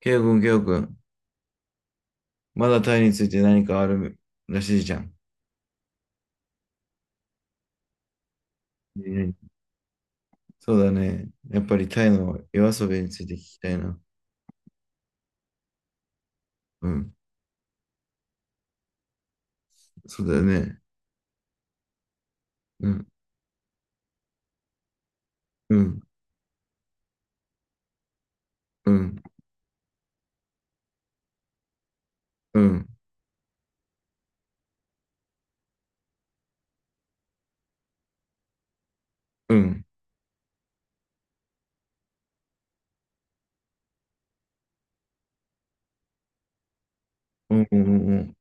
ケイオくん、ケイオくん。まだタイについて何かあるらしいじゃん。うん。そうだね。やっぱりタイの夜遊びについて聞きたいな。うん。そうだよね。うん。うん。うん。うん。うん。うん。うん。うん。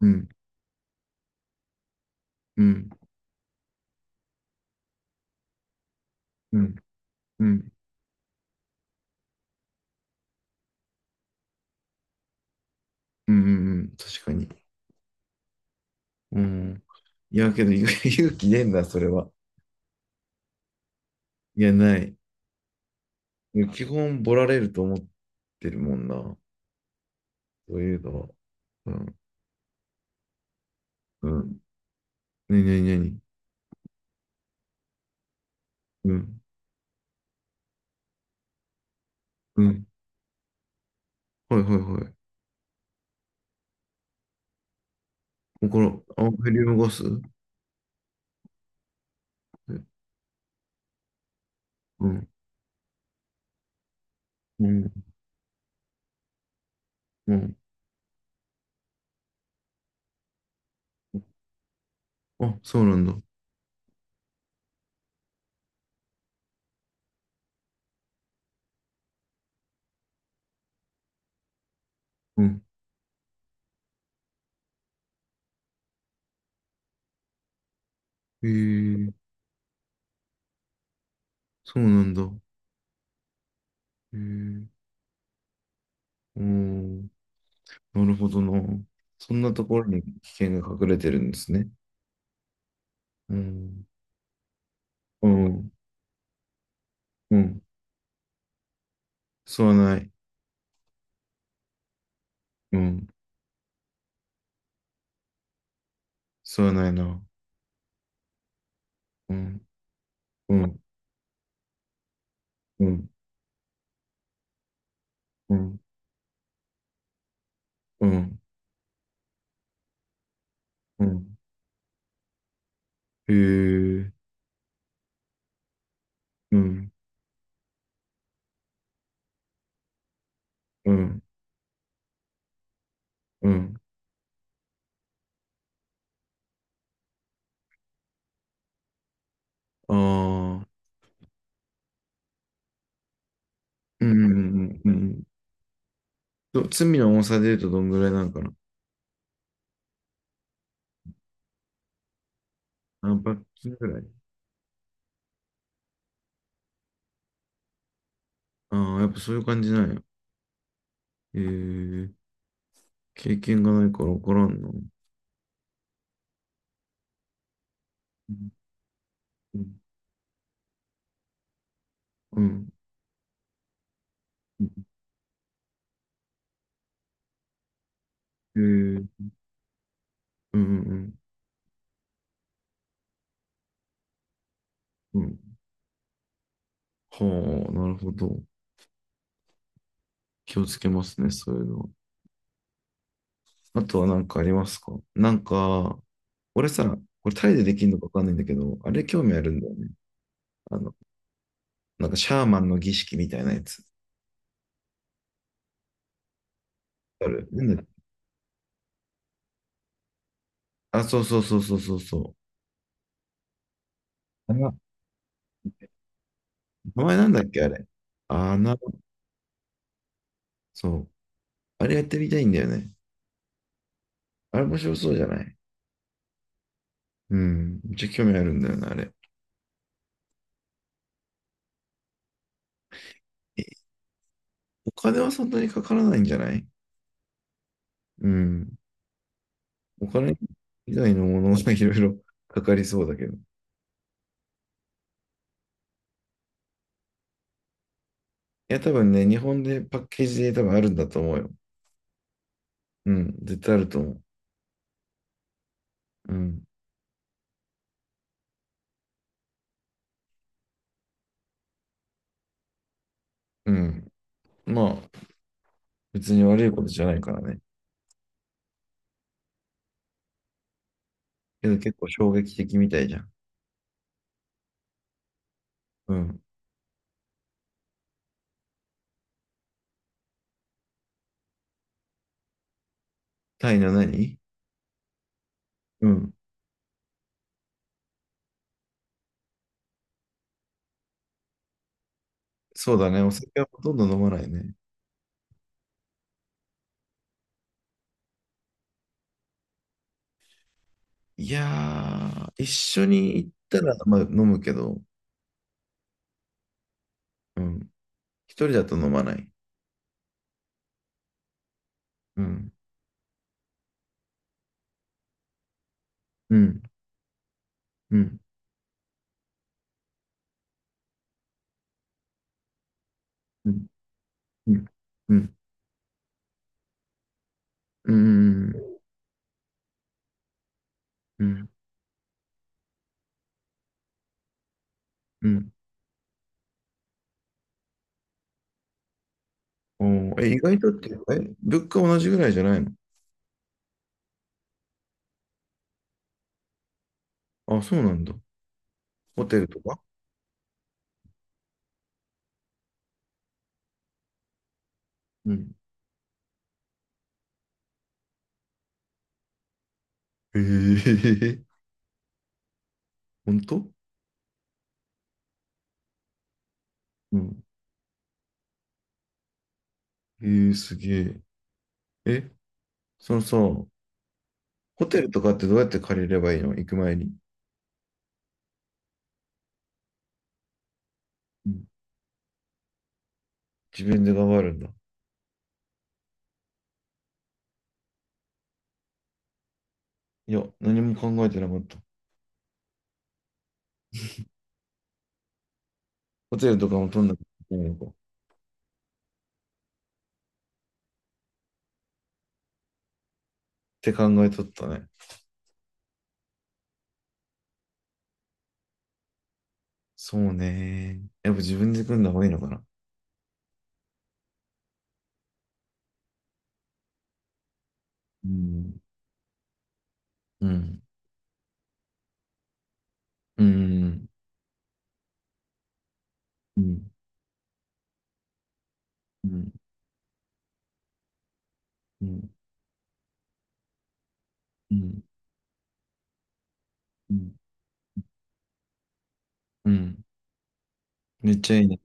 うん。うん。うん。うん。うん、確かに。うん。いや、けど、勇気ねえんだ、それは。いや、ない。基本、ボラれると思ってるもんな。そういうのは。うん。うん。なになになに。うん。うん。はいはいはい。この、あ、ヘリウムガス。うん、うん、うん。あ、そうなんだ。うん。へえ、そうなんだ。へえ、うん。なるほどな。そんなところに危険が隠れてるんですね。うん、うん、うん。吸わない。うん、吸わないな。うん、うん、うん、うん、うん、うん。へえ、うん、うん、うん。ああ、うん、うん、うん。うん。ど罪の重さで言うとどんぐらいなんかな。あ、罰金ぐらい。ああ、やっぱそういう感じなんや。ええ、経験がないから分からんな。うん。うん。ええ、うん、うん、うん。うん。はあ、なるほど。気をつけますね、そういうのは。あとは何かありますか？なんか、俺さ、これタイでできるのか分かんないんだけど、あれ興味あるんだよね。あの、なんかシャーマンの儀式みたいなやつ。ある。なんだっけ？あ、そうそうそうそうそうそう。名前なんだっけ、あれ。あな、そう。あれやってみたいんだよね。あれ面白そうじゃない？うん。めっちゃ興味あるんだよな、あれ。え、お金はそんなにかからないんじゃない？うん。お金以外のものがいろいろ かかりそうだけど。いや、多分ね、日本でパッケージで多分あるんだと思うよ。うん。絶対あると思う。うん。うん。まあ、別に悪いことじゃないからね。けど結構衝撃的みたいじゃん。うん。タイの何？うん。そうだね。お酒はほとんど飲まないね。いやー、一緒に行ったら、まあ、飲むけど、うん。一人だと飲まない。うん、うん、うん、うん、うん、うん、うん、うん、うん、うん。おーえ、意外とって、え、物価同じぐらいじゃないの？あ、そうなんだ。ホテルとか？うん。ええ、 本当？うん。えー、すげえ。え、そのさ、ホテルとかってどうやって借りればいいの、行く前に。うん。自分で頑張るんだ。いや、何も考えてなかった。ホテルとかも取んなきゃいけないのかって考えとったね。そうね。やっぱ自分で組んだ方がいいのかな。うん、うん、うん、うん、うん、うん、うん、うん、うん。めっちゃいいね。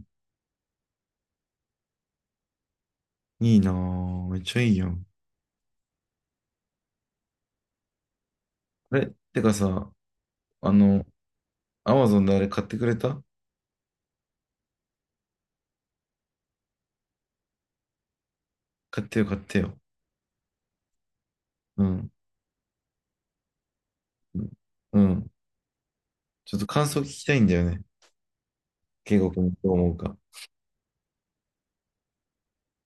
いいなぁ。めっちゃいいやん。あれ、てかさ、あの、アマゾンであれ買ってくれた？買ってよ、買ってよ。うん。うん。うん。ちょっと感想聞きたいんだよね。圭吾君どう思うか。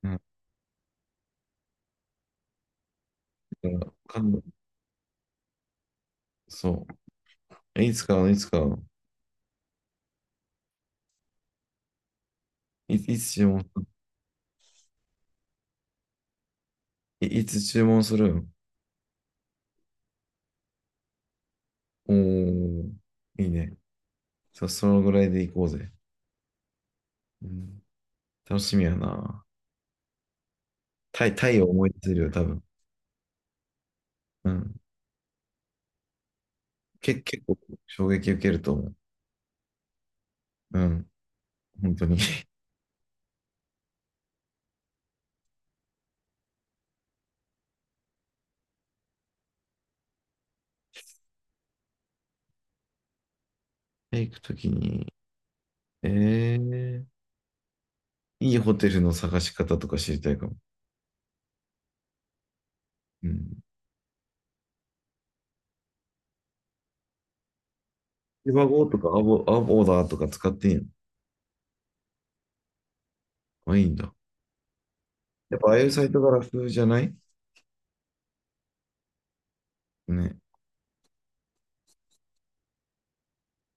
うん。だから、感動。そう。いつ買うの？いつ買うの？いつ注文する？いつ注文するの？おー、いいね。さ、そのぐらいで行こうぜ。うん。楽しみやなぁ。タイ、タイを思い出せるよ、多分。うん。結構衝撃受けると思う。うん。本当に。タイ行くときに、えー、いいホテルの探し方とか知りたいかも。うん。シバゴとかアボーダーとか使っていいの？あ、いいんだ。やっぱああいうサイトが楽じゃない？ね。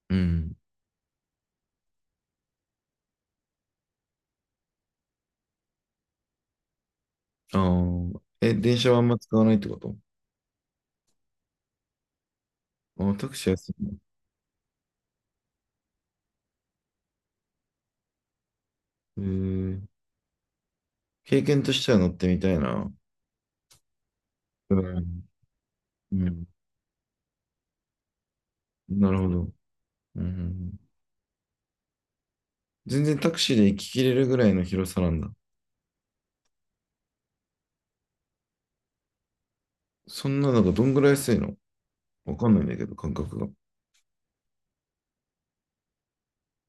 うん。ああ。え、電車はあんま使わないってこと？あ、タクシー安いな。えー、経験としては乗ってみたいな。うん。うん。なるほど。うん。全然タクシーで行ききれるぐらいの広さなんだ。そんなのがどんぐらい安いの？わかんないんだけど、感覚が。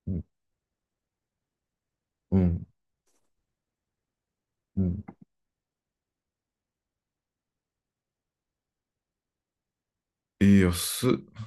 うん。うん。うん。えー、安っ。